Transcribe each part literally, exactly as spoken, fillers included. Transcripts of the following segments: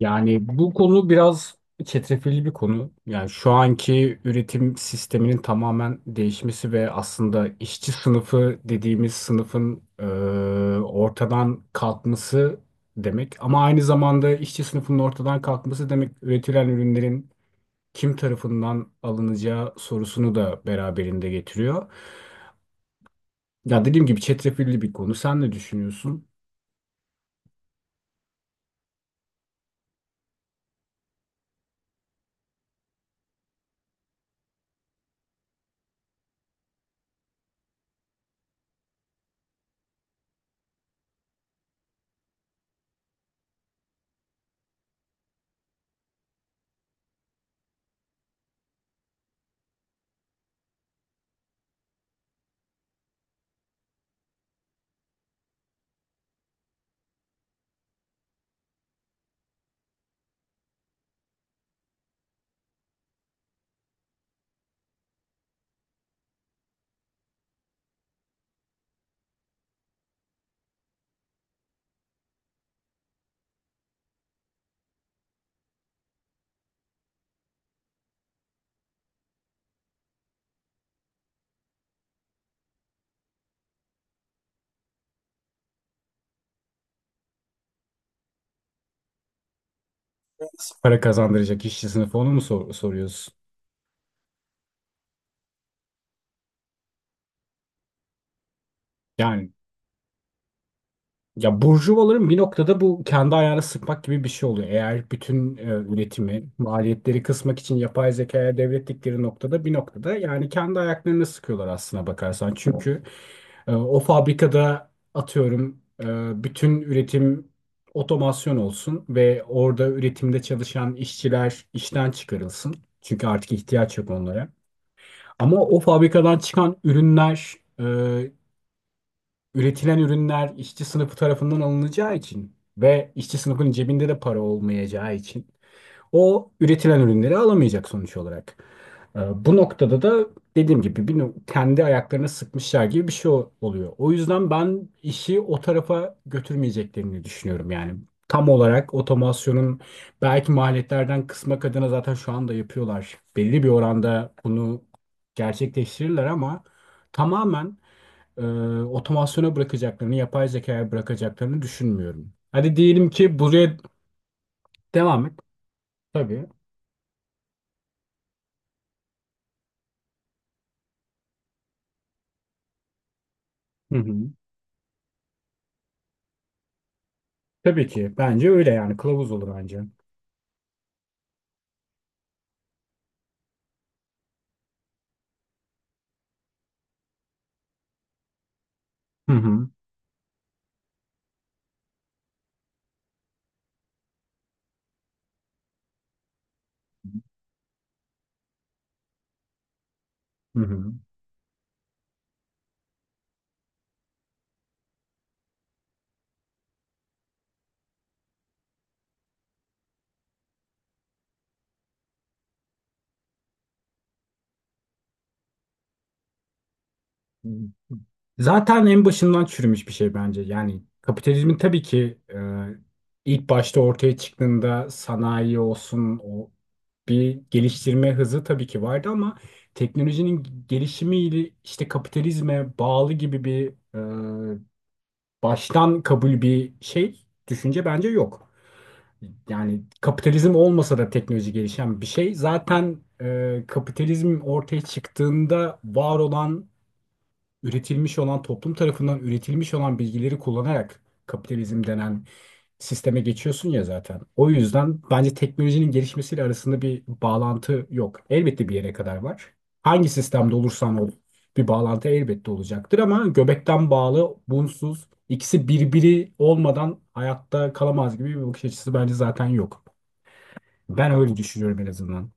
Yani bu konu biraz çetrefilli bir konu. Yani şu anki üretim sisteminin tamamen değişmesi ve aslında işçi sınıfı dediğimiz sınıfın e, ortadan kalkması demek. Ama aynı zamanda işçi sınıfının ortadan kalkması demek üretilen ürünlerin kim tarafından alınacağı sorusunu da beraberinde getiriyor. Ya dediğim gibi çetrefilli bir konu. Sen ne düşünüyorsun? Para kazandıracak işçi sınıfı onu mu sor- soruyorsun? Yani ya burjuvaların bir noktada bu kendi ayağına sıkmak gibi bir şey oluyor. Eğer bütün e, üretimi, maliyetleri kısmak için yapay zekaya devrettikleri noktada bir noktada yani kendi ayaklarını sıkıyorlar aslına bakarsan. Çünkü e, o fabrikada atıyorum, e, bütün üretim otomasyon olsun ve orada üretimde çalışan işçiler işten çıkarılsın. Çünkü artık ihtiyaç yok onlara. Ama o fabrikadan çıkan ürünler, e, üretilen ürünler işçi sınıfı tarafından alınacağı için ve işçi sınıfının cebinde de para olmayacağı için o üretilen ürünleri alamayacak sonuç olarak. Ee, Bu noktada da dediğim gibi bir no- kendi ayaklarına sıkmışlar gibi bir şey o- oluyor. O yüzden ben işi o tarafa götürmeyeceklerini düşünüyorum yani. Tam olarak otomasyonun belki maliyetlerden kısmak adına zaten şu anda yapıyorlar. Belli bir oranda bunu gerçekleştirirler ama tamamen e, otomasyona bırakacaklarını, yapay zekaya bırakacaklarını düşünmüyorum. Hadi diyelim ki buraya devam et. Tabii. Hı hı. Tabii ki. Bence öyle yani. Kılavuz olur bence. Hı hı. Hı hı. Zaten en başından çürümüş bir şey bence. Yani kapitalizmin tabii ki, e, ilk başta ortaya çıktığında sanayi olsun o bir geliştirme hızı tabii ki vardı ama teknolojinin gelişimiyle işte kapitalizme bağlı gibi bir baştan kabul bir şey, düşünce bence yok. Yani kapitalizm olmasa da teknoloji gelişen bir şey. Zaten e, kapitalizm ortaya çıktığında var olan, üretilmiş olan, toplum tarafından üretilmiş olan bilgileri kullanarak kapitalizm denen sisteme geçiyorsun ya zaten. O yüzden bence teknolojinin gelişmesiyle arasında bir bağlantı yok. Elbette bir yere kadar var. Hangi sistemde olursan ol bir bağlantı elbette olacaktır ama göbekten bağlı, bunsuz, ikisi birbiri olmadan hayatta kalamaz gibi bir bakış açısı bence zaten yok. Ben öyle düşünüyorum en azından.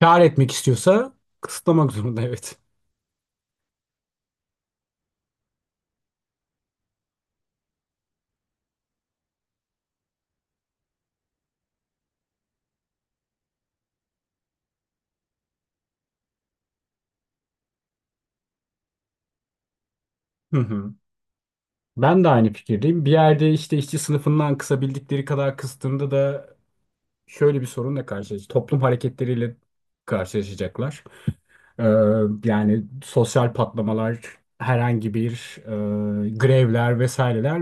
Kâr etmek istiyorsa kısıtlamak zorunda, evet. Hı hı. Ben de aynı fikirdeyim. Bir yerde işte işçi sınıfından kısabildikleri kadar kıstığında da şöyle bir sorunla karşılaşacak. Toplum hareketleriyle karşılaşacaklar. Ee, yani sosyal patlamalar, herhangi bir e, grevler vesaireler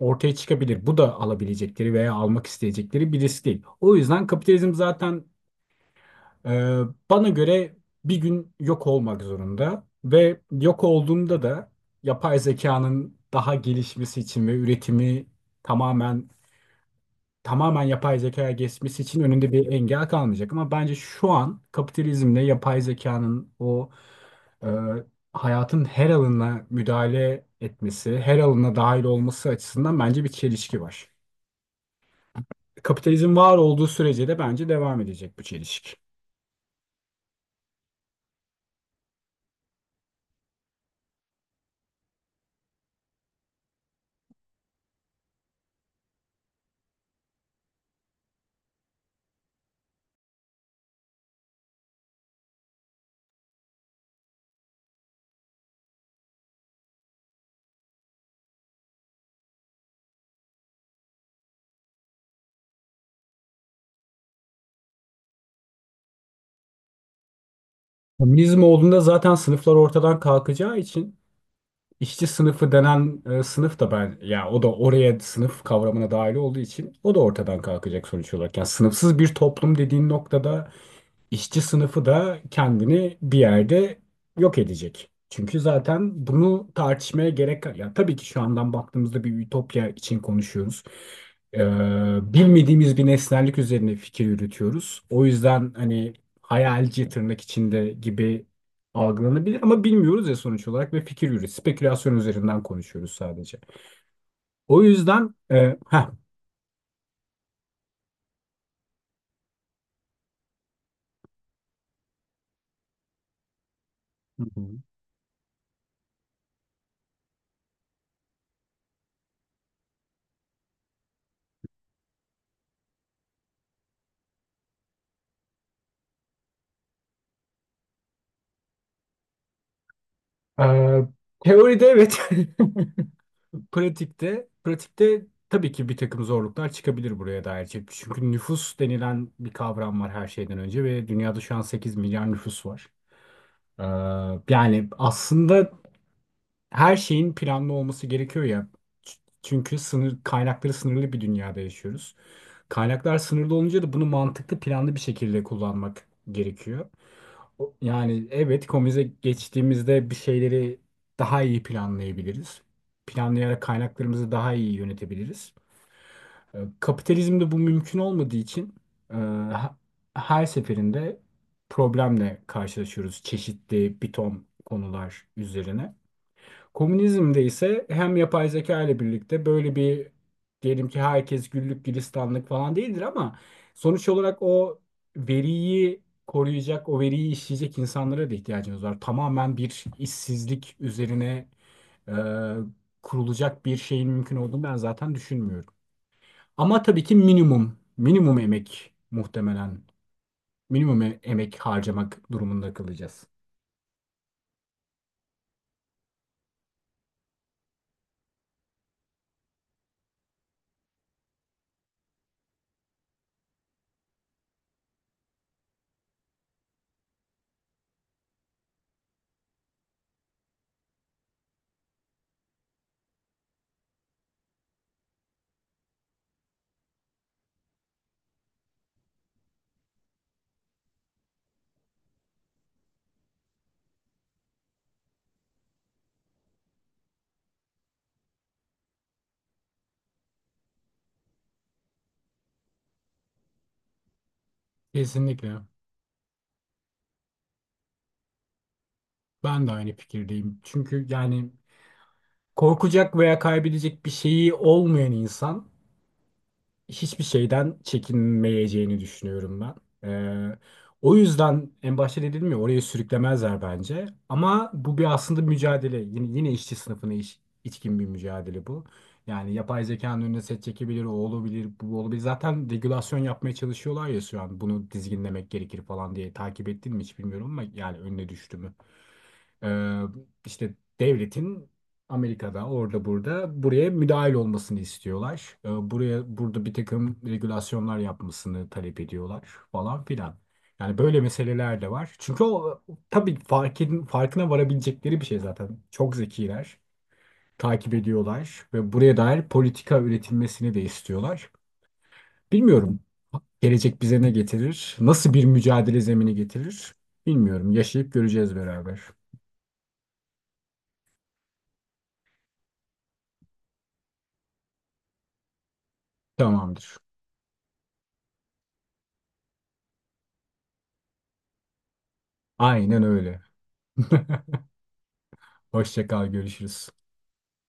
ortaya çıkabilir. Bu da alabilecekleri veya almak isteyecekleri bir risk değil. O yüzden kapitalizm zaten, ee, bana göre, bir gün yok olmak zorunda ve yok olduğunda da yapay zekanın daha gelişmesi için ve üretimi tamamen tamamen yapay zekaya geçmesi için önünde bir engel kalmayacak. Ama bence şu an kapitalizmle yapay zekanın o, e, hayatın her alanına müdahale etmesi, her alanına dahil olması açısından bence bir çelişki var. Kapitalizm var olduğu sürece de bence devam edecek bu çelişki. Komünizm olduğunda zaten sınıflar ortadan kalkacağı için işçi sınıfı denen e, sınıf da, ben ya o da oraya, sınıf kavramına dahil olduğu için o da ortadan kalkacak sonuç olarak. Yani sınıfsız bir toplum dediğin noktada İşçi sınıfı da kendini bir yerde yok edecek. Çünkü zaten bunu tartışmaya gerek yok. Ya tabii ki şu andan baktığımızda bir ütopya için konuşuyoruz. Ee, bilmediğimiz bir nesnellik üzerine fikir yürütüyoruz. O yüzden hani hayalci tırnak içinde gibi algılanabilir ama bilmiyoruz ya sonuç olarak ve fikir yürütüyoruz. Spekülasyon üzerinden konuşuyoruz sadece. O yüzden e, heh, Hı hı. Ee, teoride evet. Pratikte pratikte tabii ki bir takım zorluklar çıkabilir buraya dair. Çünkü çünkü nüfus denilen bir kavram var her şeyden önce ve dünyada şu an sekiz milyar nüfus var. Ee, yani aslında her şeyin planlı olması gerekiyor ya. Ç- Çünkü sınır kaynakları sınırlı bir dünyada yaşıyoruz. Kaynaklar sınırlı olunca da bunu mantıklı, planlı bir şekilde kullanmak gerekiyor. Yani evet, komize geçtiğimizde bir şeyleri daha iyi planlayabiliriz. Planlayarak kaynaklarımızı daha iyi yönetebiliriz. Ee, Kapitalizmde bu mümkün olmadığı için, e, ha- her seferinde problemle karşılaşıyoruz çeşitli bir ton konular üzerine. Komünizmde ise hem yapay zeka ile birlikte böyle bir, diyelim ki herkes güllük gülistanlık falan değildir ama sonuç olarak o veriyi koruyacak, o veriyi işleyecek insanlara da ihtiyacımız var. Tamamen bir işsizlik üzerine e, kurulacak bir şeyin mümkün olduğunu ben zaten düşünmüyorum. Ama tabii ki minimum, minimum emek muhtemelen, minimum e- emek harcamak durumunda kalacağız. Kesinlikle. Ben de aynı fikirdeyim. Çünkü yani korkacak veya kaybedecek bir şeyi olmayan insan hiçbir şeyden çekinmeyeceğini düşünüyorum ben. Ee, o yüzden en başta dedim ya, oraya sürüklemezler bence. Ama bu bir aslında mücadele. Yine, yine işçi sınıfına iş, içkin bir mücadele bu. Yani yapay zekanın önüne set çekebilir, o olabilir, bu olabilir. Zaten regülasyon yapmaya çalışıyorlar ya şu an. Bunu dizginlemek gerekir falan diye takip ettin mi hiç bilmiyorum ama yani önüne düştü mü? Ee, işte devletin Amerika'da orada burada buraya müdahil olmasını istiyorlar. Ee, buraya burada bir takım regülasyonlar yapmasını talep ediyorlar falan filan. Yani böyle meseleler de var. Çünkü o tabii farkın, farkına varabilecekleri bir şey zaten. Çok zekiler, takip ediyorlar ve buraya dair politika üretilmesini de istiyorlar. Bilmiyorum. Gelecek bize ne getirir? Nasıl bir mücadele zemini getirir? Bilmiyorum. Yaşayıp göreceğiz beraber. Tamamdır. Aynen öyle. Hoşça kal, görüşürüz.